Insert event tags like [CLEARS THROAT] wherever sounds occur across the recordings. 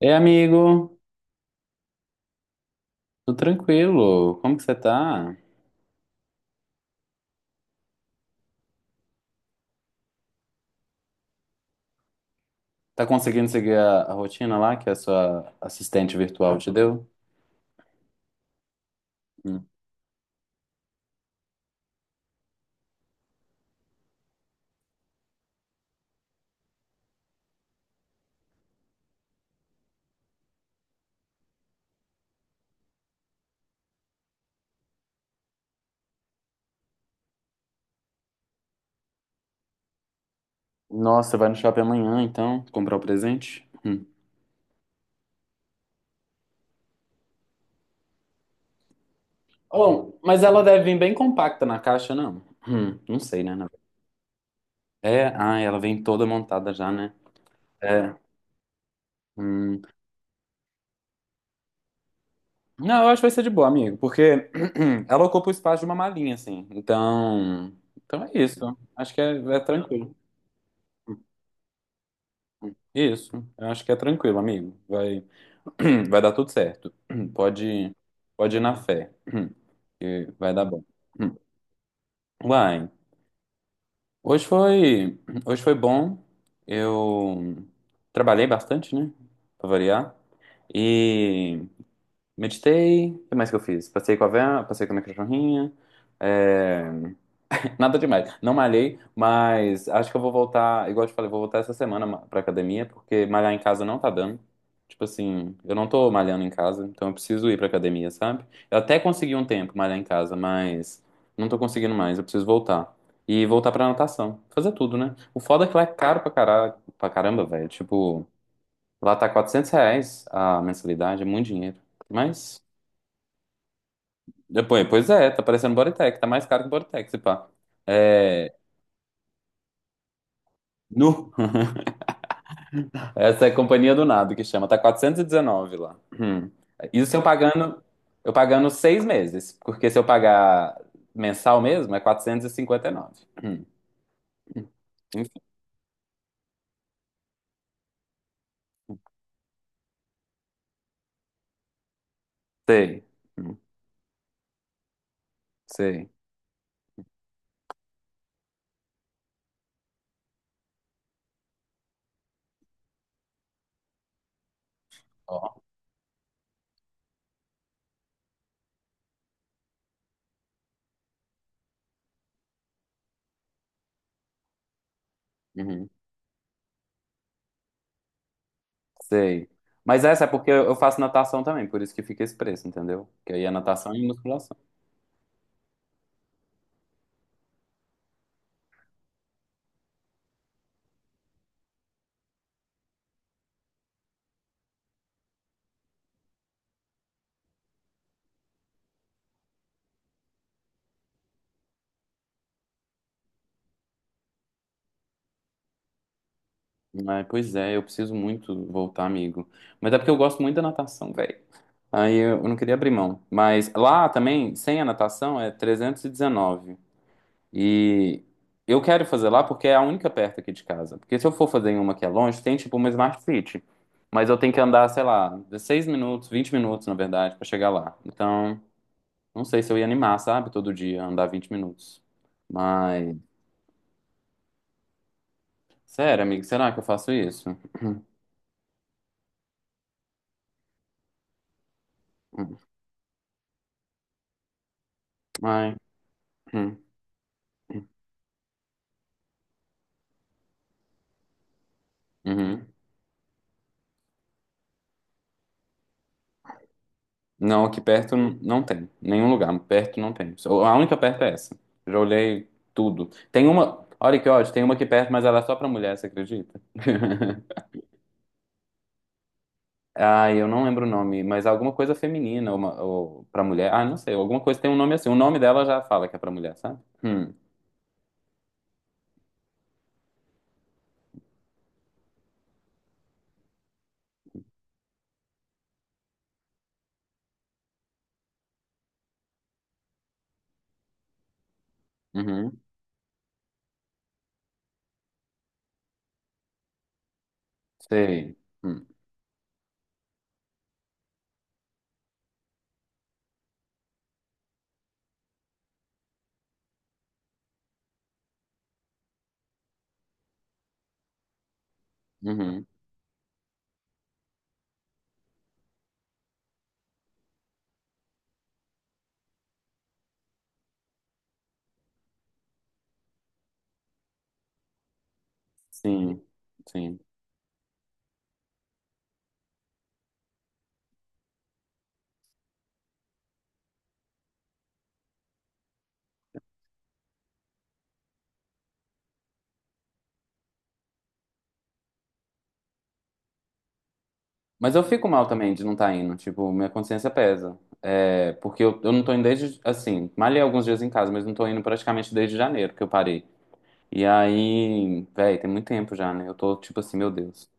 Ei, amigo, tudo tranquilo? Como que você tá? Tá conseguindo seguir a rotina lá que a sua assistente virtual te deu? Hum. Nossa, você vai no shopping amanhã, então, comprar o presente? Hum. Bom, mas ela deve vir bem compacta na caixa, não? Não sei, né? É, ah, ela vem toda montada já, né? É. Hum. Não, eu acho que vai ser de boa, amigo, porque [CLEARS THROAT] ela ocupa o espaço de uma malinha, assim. Então, é isso. Acho que é tranquilo. Isso, eu acho que é tranquilo, amigo. Vai. [CLEARS THROAT] Vai dar tudo certo. [CLEARS THROAT] Pode, pode ir na fé, [CLEARS THROAT] que vai dar bom. [CLEARS THROAT] Uai, hoje foi, [CLEARS THROAT] hoje foi bom. Eu trabalhei bastante, né? Pra variar. E meditei. O que mais que eu fiz? Passei com a Vera, passei com a minha cachorrinha. eh, Nada demais. Não malhei, mas acho que eu vou voltar, igual eu te falei, vou voltar essa semana pra academia, porque malhar em casa não tá dando. Tipo assim, eu não tô malhando em casa, então eu preciso ir pra academia, sabe? Eu até consegui um tempo malhar em casa, mas não tô conseguindo mais, eu preciso voltar. E voltar pra natação. Fazer tudo, né? O foda é que lá é caro pra caralho, pra caramba, velho. Tipo, lá tá R$ 400 a mensalidade, é muito dinheiro. Mas, depois, pois é, tá parecendo Bodytech, tá mais caro que Bodytech, se pá. É. Nu. [LAUGHS] Essa é a Companhia do Nado que chama. Tá 419 lá. Hum. Isso se eu pagando, eu pagando 6 meses, porque se eu pagar mensal mesmo é 459. Enfim, sei. Hum. Sei. Ó. Uhum. Sei. Mas essa é porque eu faço natação também, por isso que fica esse preço, entendeu? Que aí é natação e musculação. Mas, pois é, eu preciso muito voltar, amigo. Mas é porque eu gosto muito da natação, velho. Aí eu não queria abrir mão. Mas lá também, sem a natação, é 319. E eu quero fazer lá porque é a única perto aqui de casa. Porque se eu for fazer em uma que é longe, tem tipo uma Smart Fit. Mas eu tenho que andar, sei lá, 16 minutos, 20 minutos, na verdade, pra chegar lá. Então, não sei se eu ia animar, sabe? Todo dia andar 20 minutos. Mas, sério, amigo, será que eu faço isso? [CLEARS THROAT] mas hum, uhum. Não, aqui perto não tem. Nenhum lugar perto não tem. A única perto é essa. Já olhei tudo. Tem uma. Olha que ódio, tem uma aqui perto, mas ela é só pra mulher, você acredita? [LAUGHS] Ah, eu não lembro o nome, mas alguma coisa feminina ou, ou pra mulher. Ah, não sei, alguma coisa tem um nome assim. O nome dela já fala que é pra mulher, sabe? Uhum, sei. Hum, uhum, sim, sim. Mas eu fico mal também de não estar indo, tipo, minha consciência pesa. É, porque eu não tô indo desde, assim, malhei alguns dias em casa, mas não tô indo praticamente desde janeiro que eu parei. E aí, véi, tem muito tempo já, né? Eu tô tipo assim, meu Deus,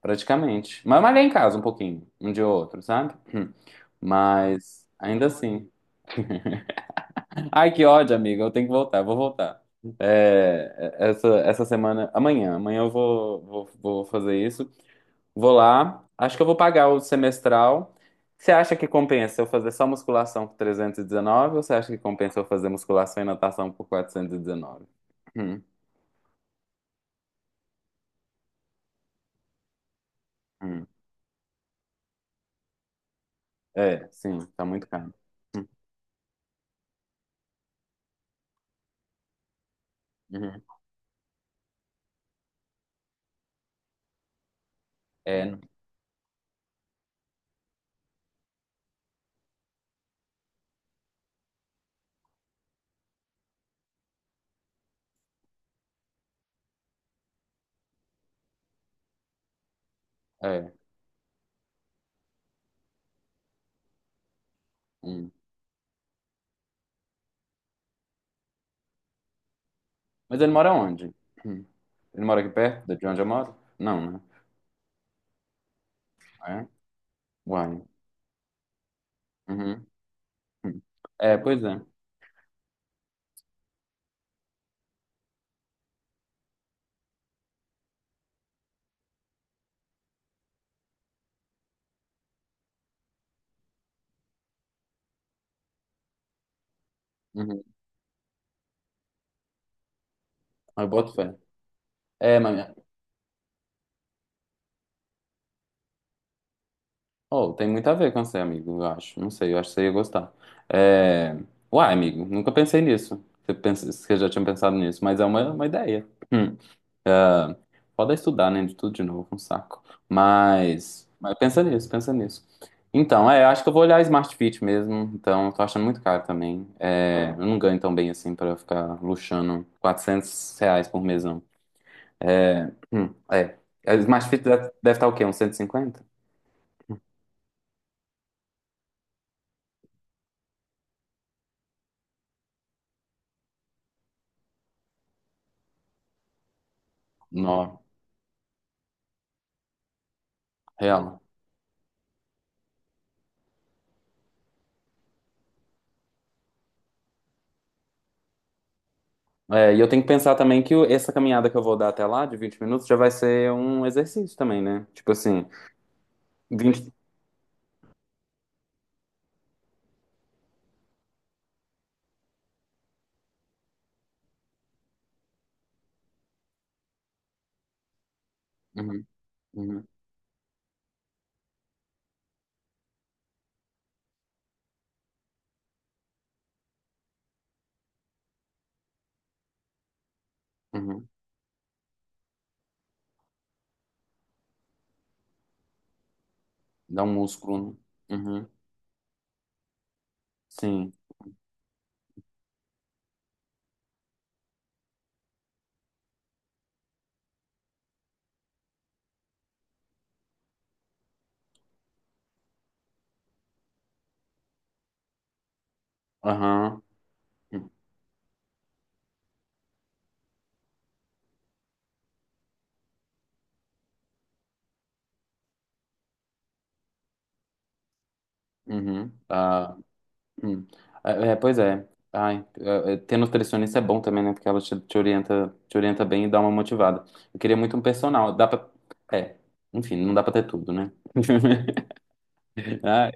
praticamente. Mas eu malhei em casa um pouquinho, um dia ou outro, sabe? Hum. Mas ainda assim. Ai, que ódio, amiga. Eu tenho que voltar, vou voltar. É, essa semana, amanhã eu vou fazer isso. Vou lá, acho que eu vou pagar o semestral. Você acha que compensa eu fazer só musculação por 319 ou você acha que compensa eu fazer musculação e natação por 419? Hum, hum. É, sim, tá muito caro. Hum, uhum. É, é. Hum. Mas ele mora onde? Hum. Ele mora aqui perto de onde eu moro? Não, né? É? Uai. Uhum. Hum. É, pois é. Uhum. Eu boto fé. É, mas... Oh, tem muito a ver com você, amigo, eu acho. Não sei, eu acho que você ia gostar. É... Uai, amigo, nunca pensei nisso. Você, pensa... você já tinha pensado nisso, mas é uma ideia. Hum. Foda estudar, né? De tudo de novo, um saco. Mas pensa nisso, pensa nisso. Então, é, acho que eu vou olhar a Smart Fit mesmo. Então, eu tô achando muito caro também. É, eu não ganho tão bem assim pra ficar luxando R$ 400 por mesão. É, é. A Smart Fit deve estar o quê? Uns 150 Nó. Real. É, e eu tenho que pensar também que essa caminhada que eu vou dar até lá, de 20 minutos, já vai ser um exercício também, né? Tipo assim, 20 Uhum, uhum, uhum. Dá um músculo, né? Uhum, sim. Aham. Uhum. Ah, hum. É, é, pois é. Ai, ter nutricionista é bom também, né? Porque ela te orienta, te orienta bem e dá uma motivada. Eu queria muito um personal. Dá pra. É, enfim, não dá pra ter tudo, né? [LAUGHS] Ai,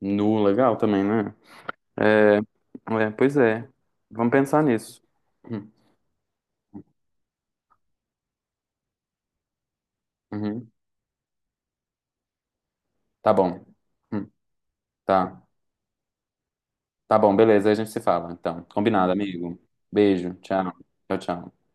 nu, legal também, né? É, é, pois é. Vamos pensar nisso. Hum, uhum. Tá bom. Hum, tá. Tá bom, beleza. Aí a gente se fala. Então, combinado, amigo. Beijo. Tchau. Tchau, tchau.